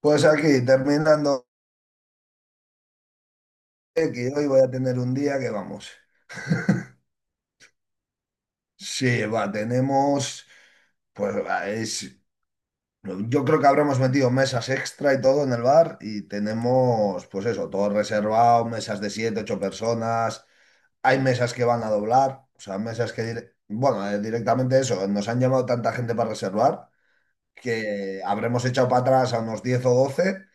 Pues aquí, terminando, que hoy voy a tener un día que vamos. Sí, va, tenemos, pues va, es, yo creo que habremos metido mesas extra y todo en el bar y tenemos, pues eso, todo reservado, mesas de siete, ocho personas, hay mesas que van a doblar, o sea, mesas que, directamente eso, nos han llamado tanta gente para reservar que habremos echado para atrás a unos 10 o 12.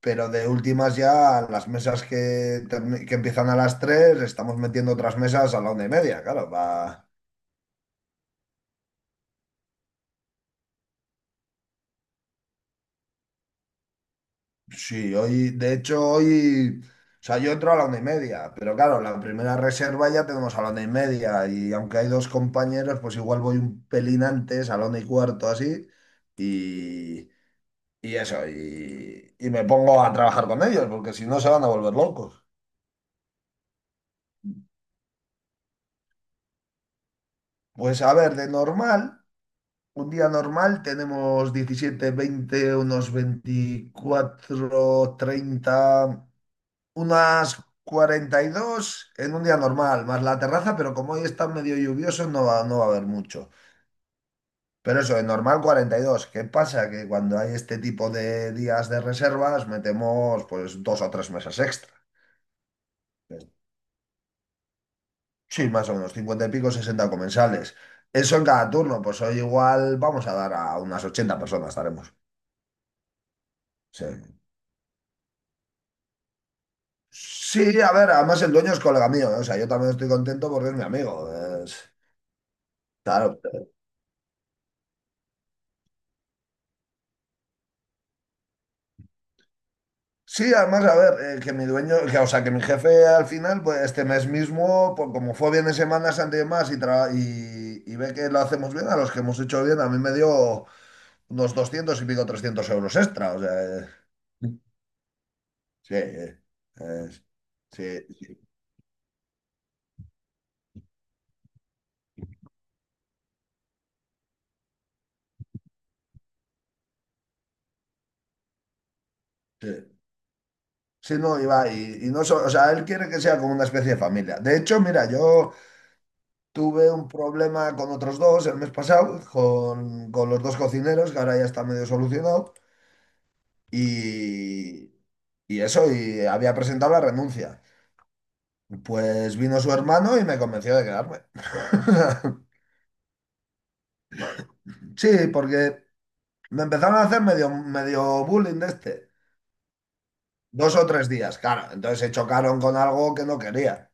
Pero de últimas ya, las mesas que empiezan a las 3 estamos metiendo otras mesas a la 1:30, claro. Va. Sí, hoy, de hecho, hoy, o sea, yo entro a la 1:30, pero claro, la primera reserva ya tenemos a la 1:30, y aunque hay dos compañeros, pues igual voy un pelín antes, a la 1:15, así, y, y eso, y me pongo a trabajar con ellos, porque si no se van a volver locos. Pues a ver, de normal. Un día normal tenemos 17, 20, unos 24, 30, unas 42 en un día normal, más la terraza, pero como hoy está medio lluvioso no va, no va a haber mucho. Pero eso, en normal 42. ¿Qué pasa? Que cuando hay este tipo de días de reservas metemos pues dos o tres mesas extra. Sí, más o menos, 50 y pico, 60 comensales. Eso en cada turno, pues hoy igual vamos a dar a unas 80 personas, estaremos. Sí. Sí, a ver, además el dueño es colega mío, ¿eh? O sea, yo también estoy contento porque es mi amigo. es- Claro. Sí, además, a ver, que mi dueño, que, o sea, que mi jefe al final, pues este mes mismo, pues, como fue bien de Semana Santa y demás, y ve que lo hacemos bien, a los que hemos hecho bien, a mí me dio unos 200 y pico 300 € extra, o sea, eh, sí, es- sí, sí, sí. Sí, no, iba, y, va, y no, o sea, él quiere que sea como una especie de familia. De hecho, mira, yo... Tuve un problema con otros dos el mes pasado, con los dos cocineros, que ahora ya está medio solucionado. Y, y eso, y había presentado la renuncia. Pues vino su hermano y me convenció de quedarme. Sí, porque me empezaron a hacer medio bullying de este. 2 o 3 días, claro. Entonces se chocaron con algo que no quería.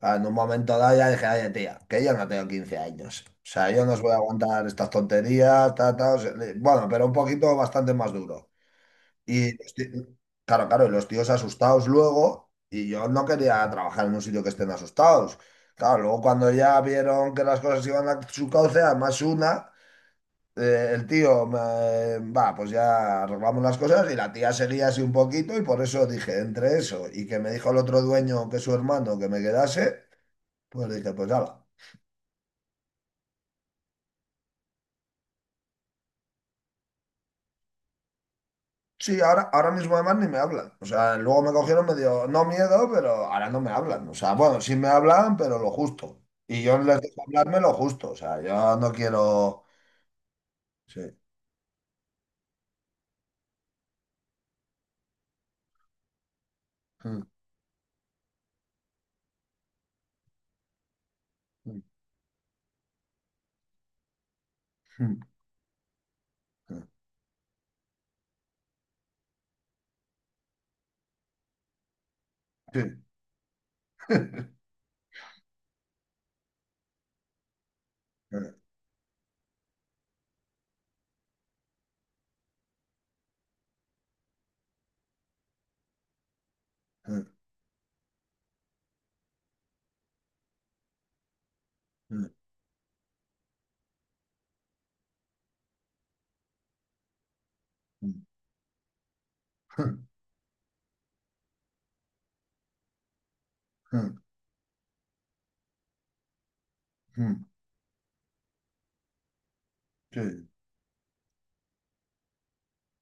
Ah, en un momento dado ya dije, oye, tía, que yo no tengo 15 años. O sea, yo no os voy a aguantar estas tonterías, ta, ta, o sea, le- bueno, pero un poquito bastante más duro. Y los ti- claro, claro, y los tíos asustados luego, y yo no quería trabajar en un sitio que estén asustados. Claro, luego cuando ya vieron que las cosas iban a su cauce, además una, el tío, me- va, pues ya arreglamos las cosas y la tía seguía así un poquito y por eso dije, entre eso y que me dijo el otro dueño que su hermano que me quedase. Pues dije, pues ya va. Sí, ahora, ahora mismo además ni me hablan. O sea, luego me cogieron medio, no miedo, pero ahora no me hablan. O sea, bueno, sí me hablan, pero lo justo. Y yo les dejo hablarme lo justo. O sea, yo no quiero... Sí. Sí. Sí,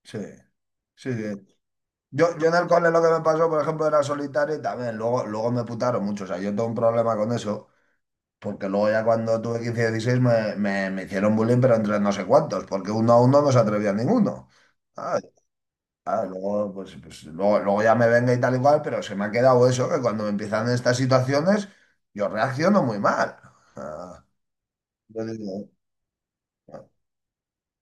sí, sí, sí. Yo en el cole lo que me pasó, por ejemplo, era solitario y también luego me putaron mucho. O sea, yo tengo un problema con eso. Porque luego ya cuando tuve 15 y 16 me hicieron bullying, pero entre no sé cuántos, porque uno a uno no se atrevía ninguno. Ah, ah, luego, pues, luego ya me venga y tal y cual, pero se me ha quedado eso, que cuando me empiezan estas situaciones, yo reacciono muy mal. Ah, yo digo, ah,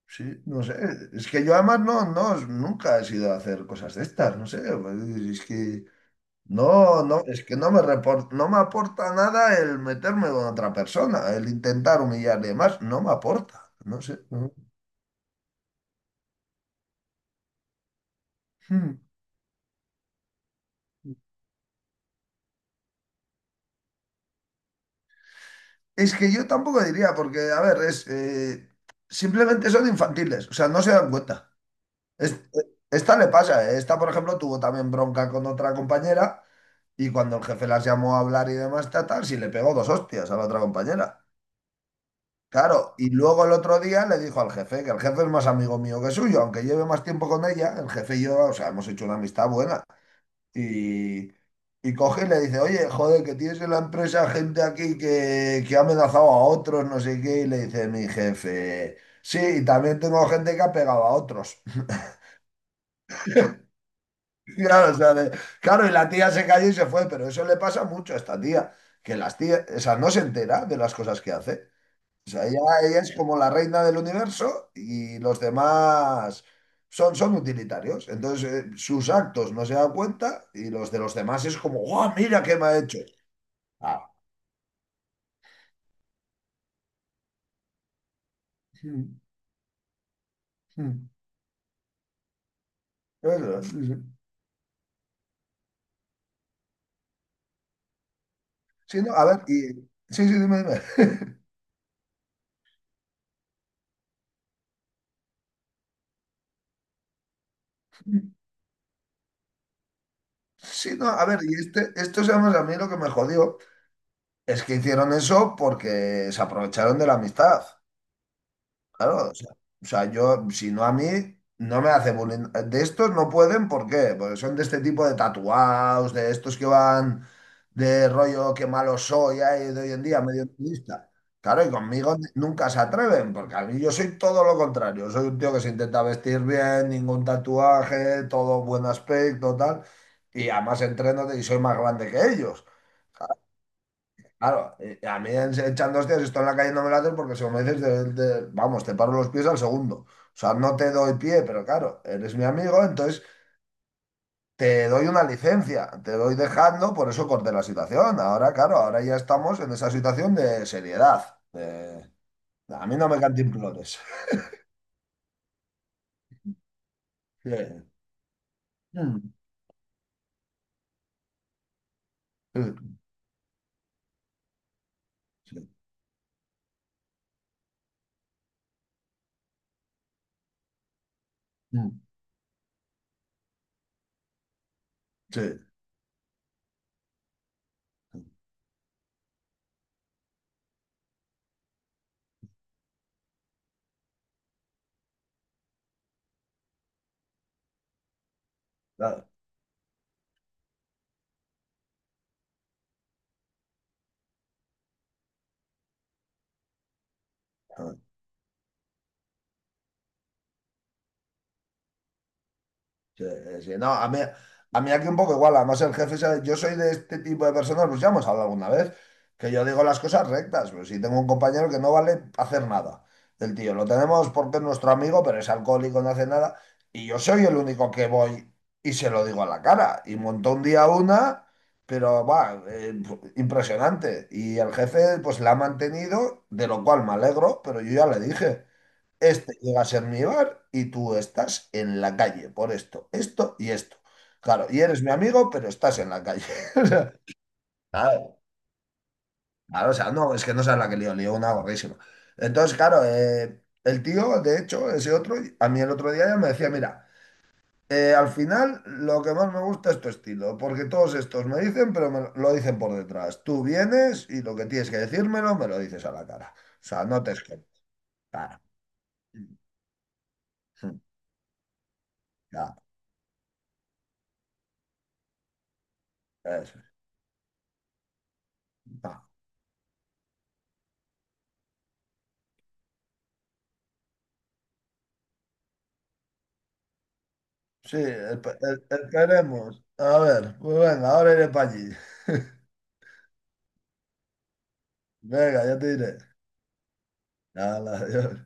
sí, no sé, es que yo además no, nunca he sido a hacer cosas de estas, no sé, pues, es que no, no, es que no me aporta nada el meterme con otra persona, el intentar humillarle más, no me aporta, no sé. No. Hmm. Es que yo tampoco diría, porque, a ver, es simplemente son infantiles, o sea, no se dan cuenta. Es- Esta le pasa, ¿eh? Esta, por ejemplo, tuvo también bronca con otra compañera y cuando el jefe las llamó a hablar y demás, tal, tal, sí le pegó dos hostias a la otra compañera. Claro, y luego el otro día le dijo al jefe, que el jefe es más amigo mío que suyo, aunque lleve más tiempo con ella, el jefe y yo, o sea, hemos hecho una amistad buena. Y, y coge y le dice, oye, joder, que tienes en la empresa gente aquí que ha amenazado a otros, no sé qué, y le dice mi jefe, sí, y también tengo gente que ha pegado a otros. Claro, o sea, claro, y la tía se cayó y se fue, pero eso le pasa mucho a esta tía, que las tías, o sea, no se entera de las cosas que hace. O sea, ella es como la reina del universo y los demás son utilitarios. Entonces, sus actos no se dan cuenta y los de los demás es como, ¡guau, mira qué me ha hecho! Ah. Mm, mm. Eso, sí, sí. Sí, no, a ver, y... Sí, sí, dime, dime. Sí, no, a ver, y este, esto, digamos, a mí lo que me jodió es que hicieron eso porque se aprovecharon de la amistad. Claro, o sea, yo, si no a mí, no me hace bullying. De estos no pueden, ¿por qué? Porque son de este tipo de tatuados, de estos que van de rollo que malo soy, ay, de hoy en día, medio turista. Claro, y conmigo nunca se atreven, porque a mí yo soy todo lo contrario. Soy un tío que se intenta vestir bien, ningún tatuaje, todo buen aspecto, tal. Y además entreno y soy más grande que ellos. Claro, a mí echando hostias, estoy en la calle no me lates porque si me dices, vamos, te paro los pies al segundo. O sea, no te doy pie, pero claro, eres mi amigo, entonces te doy una licencia, te doy dejando, por eso corté la situación. Ahora, claro, ahora ya estamos en esa situación de seriedad. A mí no me cantimplores. Sí. Mm. Sí. Sí. Mm. Sí. Claro. Sí, sí, no, a mí aquí un poco igual, además el jefe, yo soy de este tipo de personas, pues ya hemos hablado alguna vez, que yo digo las cosas rectas, pero si tengo un compañero que no vale hacer nada, el tío, lo tenemos porque es nuestro amigo, pero es alcohólico, no hace nada, y yo soy el único que voy y se lo digo a la cara, y montó un día una, pero va, impresionante, y el jefe pues la ha mantenido, de lo cual me alegro, pero yo ya le dije. Este llega a ser mi bar y tú estás en la calle por esto, esto y esto. Claro, y eres mi amigo, pero estás en la calle. Claro, claro, o sea, no, es que no sabes la que lío, lío una gordísima. Entonces, claro, el tío, de hecho, ese otro, a mí el otro día ya me decía, mira, al final lo que más me gusta es tu estilo, porque todos estos me dicen, pero me lo dicen por detrás. Tú vienes y lo que tienes que decírmelo, me lo dices a la cara. O sea, no te escondes. Claro, claro, eso es. Sí, esperemos. A ver, pues venga, ahora iré para allí. Venga, ya te diré. Hala, adiós.